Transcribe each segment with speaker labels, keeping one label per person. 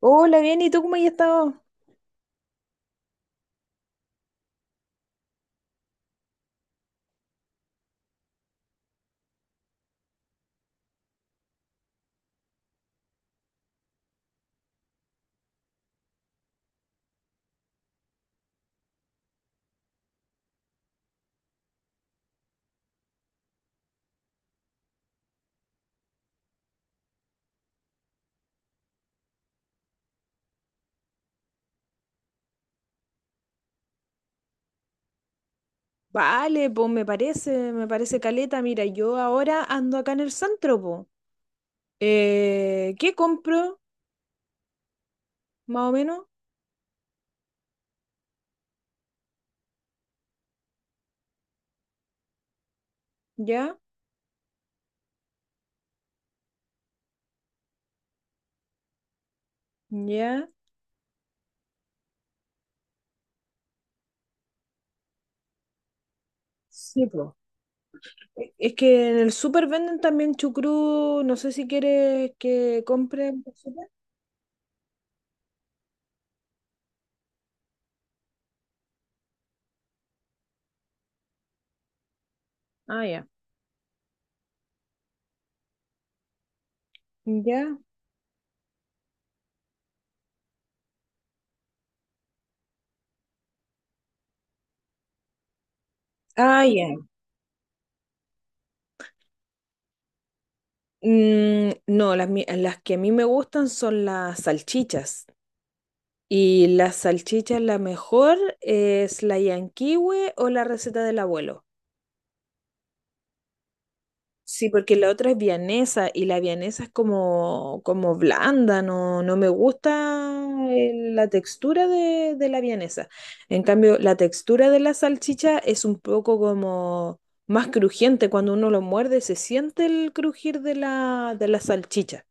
Speaker 1: Hola, bien, ¿y tú cómo has estado? Vale, pues me parece caleta. Mira, yo ahora ando acá en el centro, pues. ¿Qué compro? Más o menos, ya, ya. Sí, pues. Es que en el súper venden también chucrú, no sé si quieres que compre. Por súper. Ah, ya. Ya. Ah, ya. No, las que a mí me gustan son las salchichas. Y la salchicha, la mejor es la yanquiwe o la receta del abuelo. Sí, porque la otra es vianesa y la vianesa es como, como blanda, no, no me gusta la textura de la vianesa. En cambio, la textura de la salchicha es un poco como más crujiente. Cuando uno lo muerde, se siente el crujir de de la salchicha.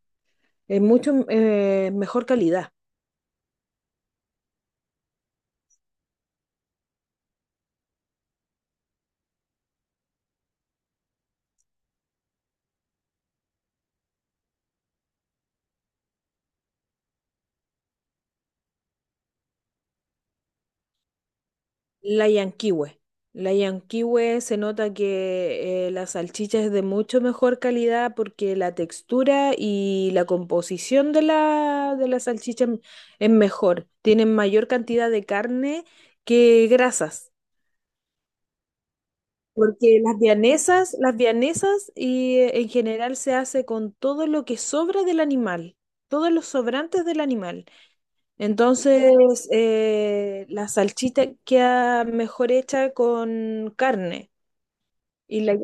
Speaker 1: Es mucho mejor calidad. La Yanquiwe. La Yanquiwe se nota que la salchicha es de mucho mejor calidad porque la textura y la composición de de la salchicha es mejor. Tienen mayor cantidad de carne que grasas. Porque las vianesas y, en general se hace con todo lo que sobra del animal, todos los sobrantes del animal. Entonces, la salchita queda mejor hecha con carne. Y la...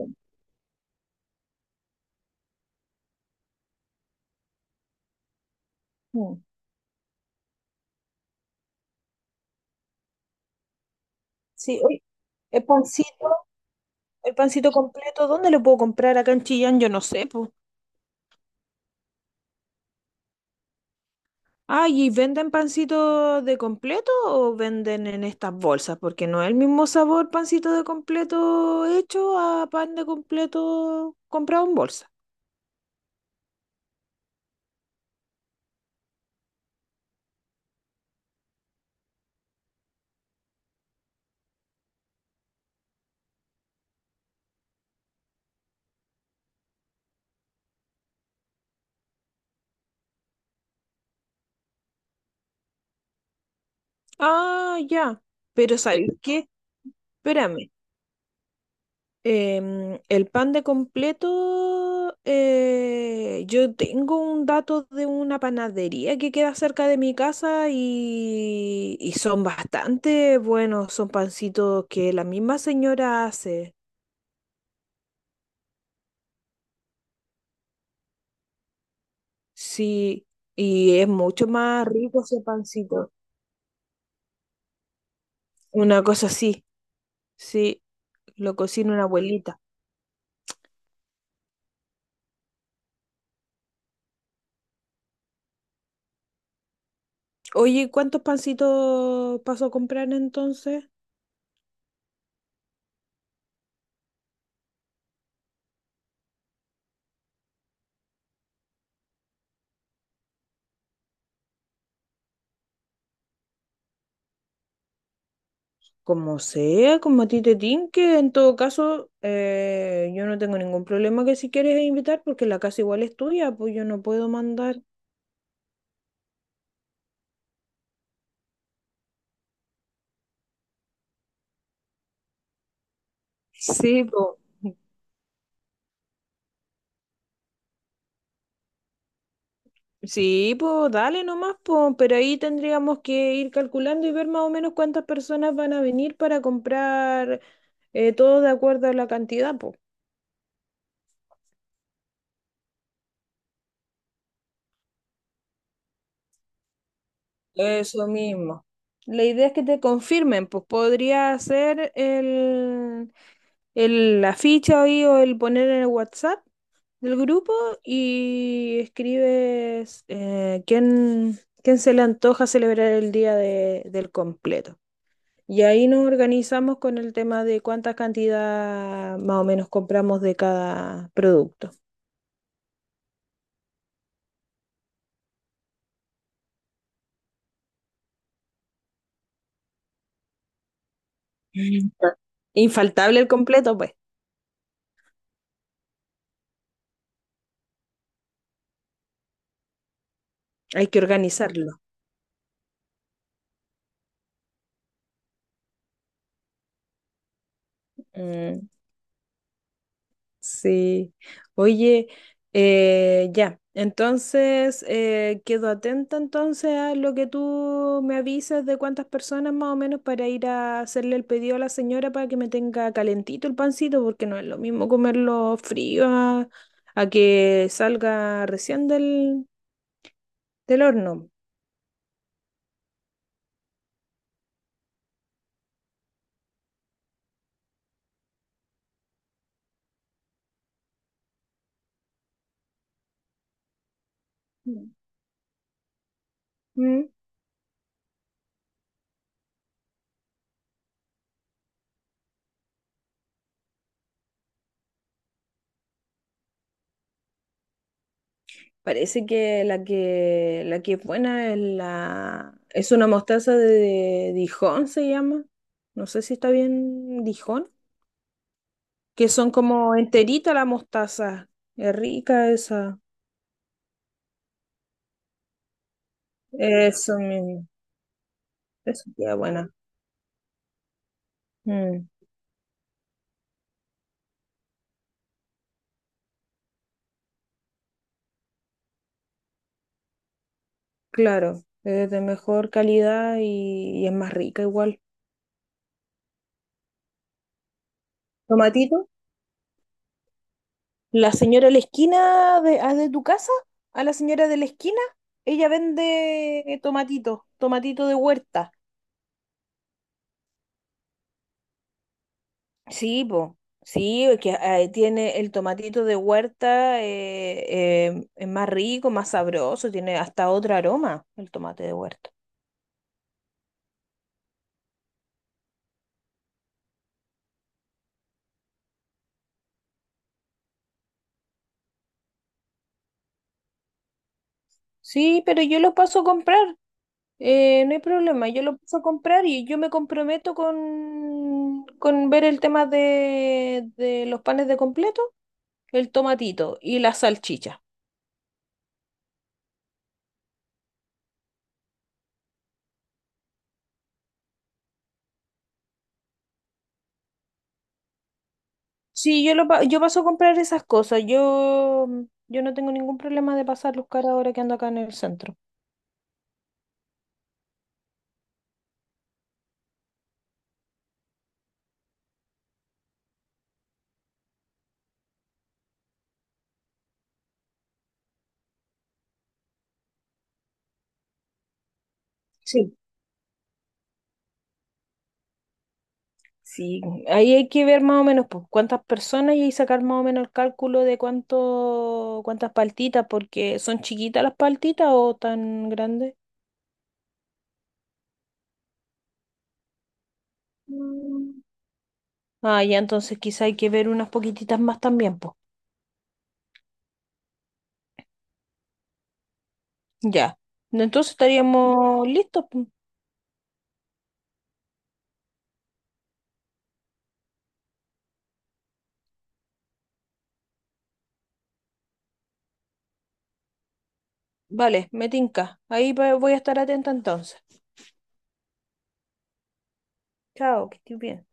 Speaker 1: Mm. Sí, oye, el pancito, el pancito completo, ¿dónde lo puedo comprar acá en Chillán? Yo no sé, pues. Ah, ¿y venden pancito de completo o venden en estas bolsas? Porque no es el mismo sabor pancito de completo hecho a pan de completo comprado en bolsa. Ah, ya. Pero ¿sabes qué? Espérame. El pan de completo, yo tengo un dato de una panadería que queda cerca de mi casa y son bastante buenos, son pancitos que la misma señora hace, sí, y es mucho más rico ese pancito. Una cosa así, sí, lo cocina una abuelita. Oye, ¿cuántos pancitos paso a comprar entonces? Como sea, como a ti te tinque. En todo caso, yo no tengo ningún problema que si quieres invitar, porque la casa igual es tuya, pues yo no puedo mandar. Sí, po. Sí, pues dale nomás, pues, pero ahí tendríamos que ir calculando y ver más o menos cuántas personas van a venir para comprar todo de acuerdo a la cantidad, pues. Eso mismo. La idea es que te confirmen, pues podría ser la ficha ahí o el poner en el WhatsApp del grupo y escribes quién, quién se le antoja celebrar el del completo. Y ahí nos organizamos con el tema de cuánta cantidad más o menos compramos de cada producto. Mm. Infaltable el completo, pues, hay que organizarlo. Mm. Sí. Oye, ya. Entonces, quedo atenta entonces a lo que tú me avisas de cuántas personas más o menos para ir a hacerle el pedido a la señora para que me tenga calentito el pancito, porque no es lo mismo comerlo frío a que salga recién del horno. Mm. ¿Mm? Parece que la que es buena es la es una mostaza de Dijon se llama. No sé si está bien Dijon, que son como enterita la mostaza. Es rica esa. Eso mismo. Eso queda buena. Mm, claro, es de mejor calidad y es más rica igual. Tomatito. La señora de la esquina de tu casa, a la señora de la esquina, ella vende tomatito, tomatito de huerta. Sí, po. Sí, es que ahí tiene el tomatito de huerta, es más rico, más sabroso, tiene hasta otro aroma el tomate de huerta. Sí, pero yo lo paso a comprar, no hay problema, yo lo paso a comprar y yo me comprometo con ver el tema de los panes de completo, el tomatito y la salchicha. Sí, yo paso a comprar esas cosas, yo no tengo ningún problema de pasarlos cara ahora que ando acá en el centro. Sí. Sí, ahí hay que ver más o menos pues, cuántas personas y ahí sacar más o menos el cálculo de cuántas paltitas, porque son chiquitas las paltitas o tan grandes. Mm. Ah, ya, entonces quizá hay que ver unas poquititas más también, pues. Ya. Entonces estaríamos listos, pues. Vale, me tinca. Ahí voy a estar atenta entonces. Chao, que estés bien.